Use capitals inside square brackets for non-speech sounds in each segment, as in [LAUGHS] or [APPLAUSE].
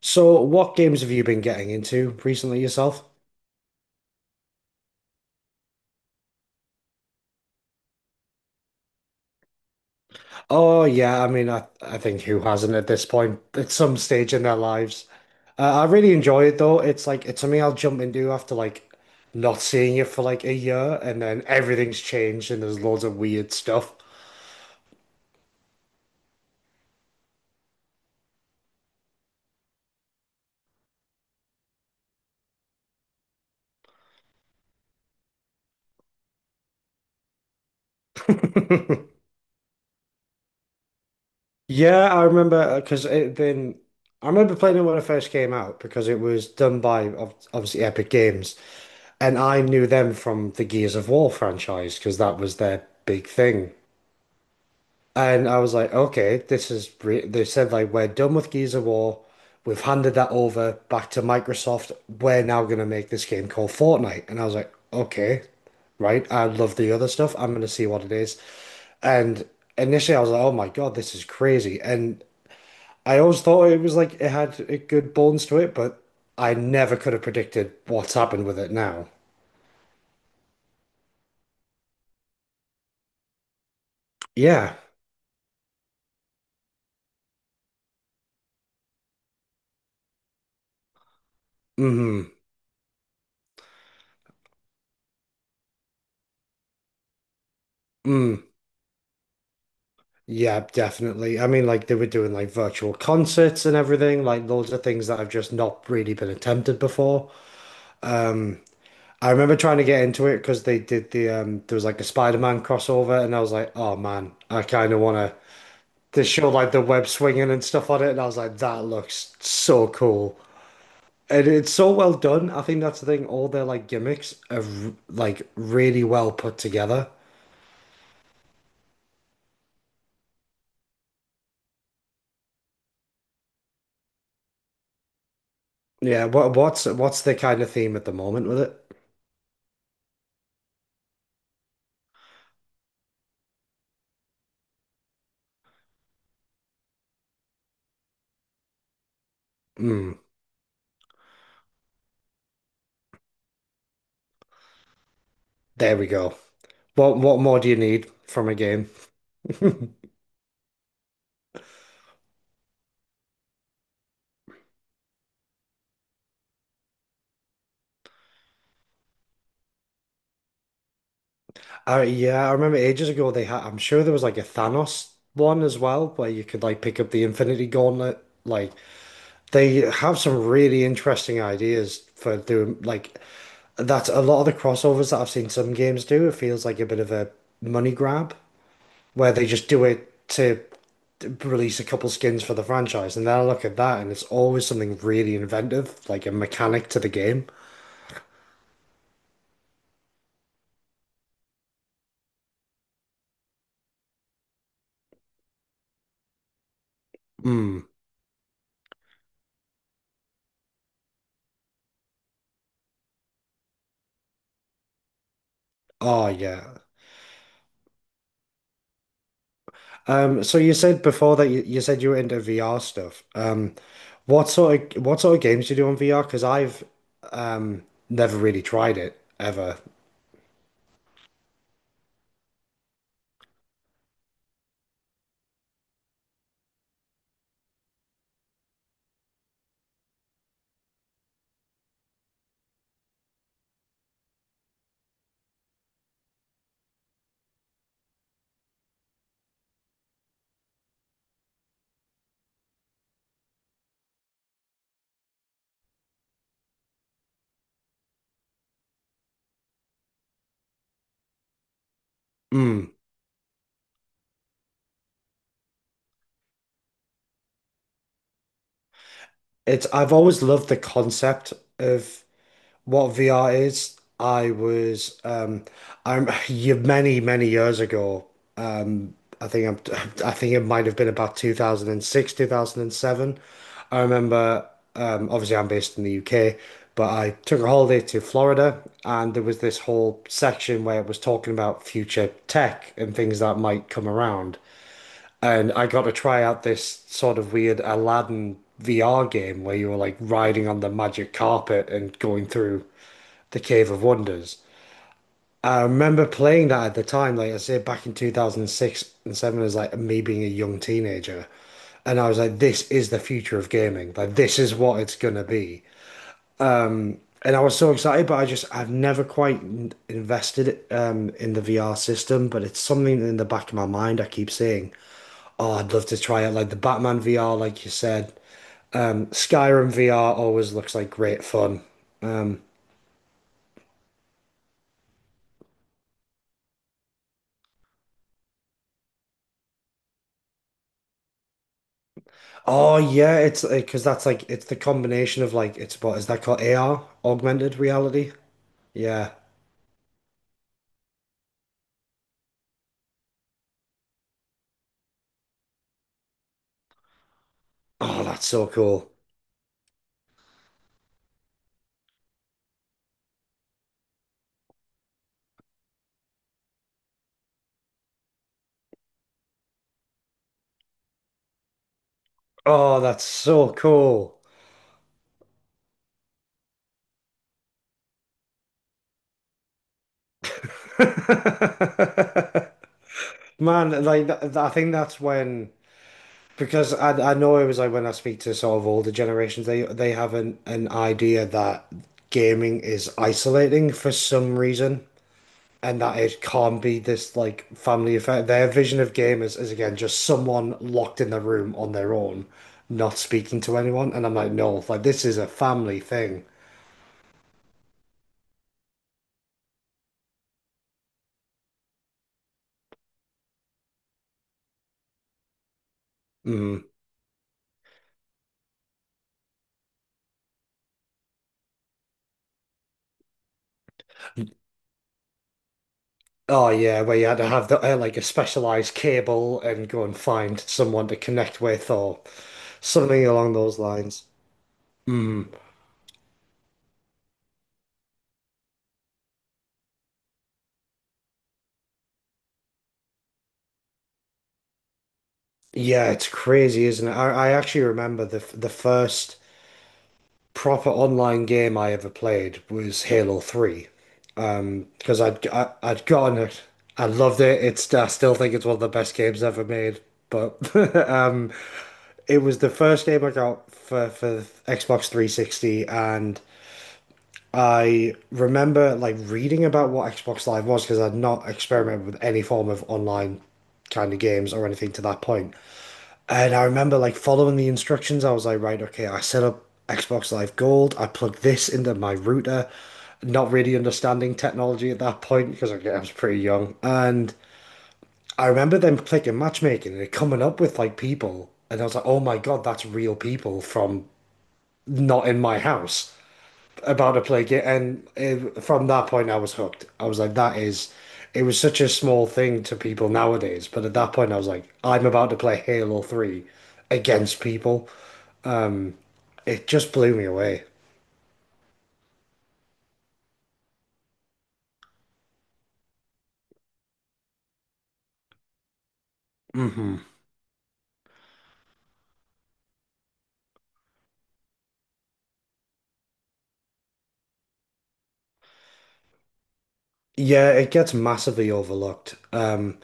So, what games have you been getting into recently yourself? Oh, yeah. I mean, I think who hasn't at this point at some stage in their lives? I really enjoy it though. It's like it's something I'll jump into after like not seeing it for like a year, and then everything's changed and there's loads of weird stuff. [LAUGHS] Yeah, I remember because it then I remember playing it when it first came out because it was done by obviously Epic Games, and I knew them from the Gears of War franchise because that was their big thing. And I was like, okay, this is re they said like we're done with Gears of War. We've handed that over back to Microsoft. We're now gonna make this game called Fortnite. And I was like, okay, right. I love the other stuff. I'm gonna see what it is. And initially I was like, oh my God, this is crazy. And I always thought it was like it had a good bones to it, but I never could have predicted what's happened with it now. Yeah. Mm-hmm. Mm. Yeah, definitely. I mean, like they were doing like virtual concerts and everything, like loads of things that have just not really been attempted before. I remember trying to get into it because they did the there was like a Spider-Man crossover and I was like, oh man, I kind of want to they show like the web swinging and stuff on it and I was like, that looks so cool. And it's so well done. I think that's the thing. All their like gimmicks are like really well put together. Yeah, what's the kind of theme at the moment with it? Mm, there we go. What more do you need from a game? [LAUGHS] Yeah, I remember ages ago they had. I'm sure there was like a Thanos one as well, where you could like pick up the Infinity Gauntlet. Like they have some really interesting ideas for doing like that's a lot of the crossovers that I've seen some games do. It feels like a bit of a money grab where they just do it to release a couple skins for the franchise, and then I look at that and it's always something really inventive, like a mechanic to the game. Mm. Oh yeah. So you said before that you said you were into VR stuff. What sort of games do you do on VR? Because I've um never really tried it ever. Mm. It's I've always loved the concept of what VR is, I was I'm [LAUGHS] you many, many years ago. Um I think I'm [LAUGHS] I think it might have been about 2006, 2007. I remember obviously I'm based in the UK, but I took a holiday to Florida and there was this whole section where it was talking about future tech and things that might come around. And I got to try out this sort of weird Aladdin VR game where you were like riding on the magic carpet and going through the Cave of Wonders. I remember playing that at the time, like I say, back in 2006 and 7 as like me being a young teenager. And I was like, this is the future of gaming. Like, this is what it's going to be. And I was so excited, but I just, I've never quite invested in the VR system, but it's something in the back of my mind I keep saying, oh, I'd love to try it. Like the Batman VR, like you said. Skyrim VR always looks like great fun. Um, Oh yeah, it's because that's like it's the combination of like it's what is that called AR, augmented reality? Yeah. Oh, that's so cool. Oh, that's so cool. [LAUGHS] Man, like I think that's when because I know it was like when I speak to sort of older generations, they have an idea that gaming is isolating for some reason. And that it can't be this like family affair. Their vision of gamers is again just someone locked in their room on their own, not speaking to anyone. And I'm like, no, like this is a family thing. Mm. Oh yeah, where you had to have the, like a specialized cable and go and find someone to connect with or something along those lines. Mm. Yeah, it's crazy, isn't it? I actually remember the the first proper online game I ever played was Halo 3. Because I'd gotten it. I loved it. It's I still think it's one of the best games ever made. But [LAUGHS] um, it was the first game I got for Xbox 360, and I remember like reading about what Xbox Live was because I'd not experimented with any form of online kind of games or anything to that point. And I remember like following the instructions. I was like, right, okay, I set up Xbox Live Gold. I plugged this into my router, not really understanding technology at that point because I was pretty young. And I remember them clicking matchmaking and it coming up with like people. And I was like, oh my God, that's real people from not in my house about to play game. And it, from that point, I was hooked. I was like, that is, it was such a small thing to people nowadays. But at that point, I was like, I'm about to play Halo 3 against people. It just blew me away. Hmm. Yeah, it gets massively overlooked.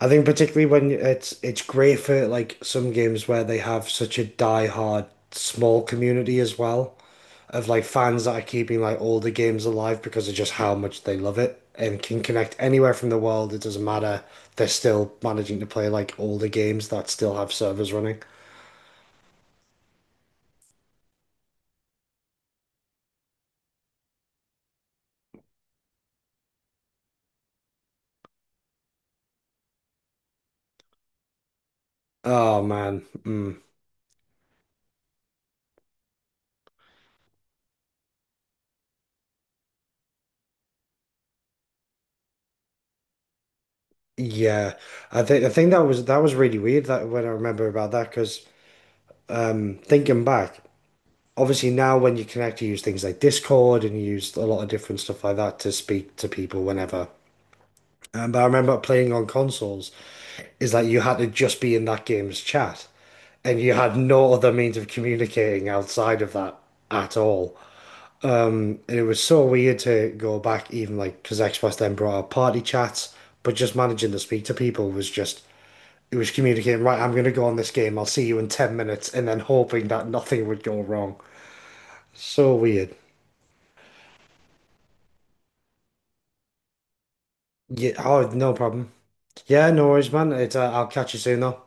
I think particularly when it's great for like some games where they have such a die-hard small community as well of like fans that are keeping like all the games alive because of just how much they love it and can connect anywhere from the world. It doesn't matter. They're still managing to play like all the games that still have servers running. Oh man. Mm. Yeah. I think that was really weird that when I remember about that because thinking back, obviously now when you connect, you use things like Discord and you use a lot of different stuff like that to speak to people whenever. But I remember playing on consoles is that you had to just be in that game's chat, and you had no other means of communicating outside of that at all. And it was so weird to go back, even like because Xbox then brought out party chats, but just managing to speak to people was just it was communicating. Right, I'm going to go on this game. I'll see you in 10 minutes, and then hoping that nothing would go wrong. So weird. Yeah, oh, no problem. Yeah, no worries, man. It's, I'll catch you soon, though.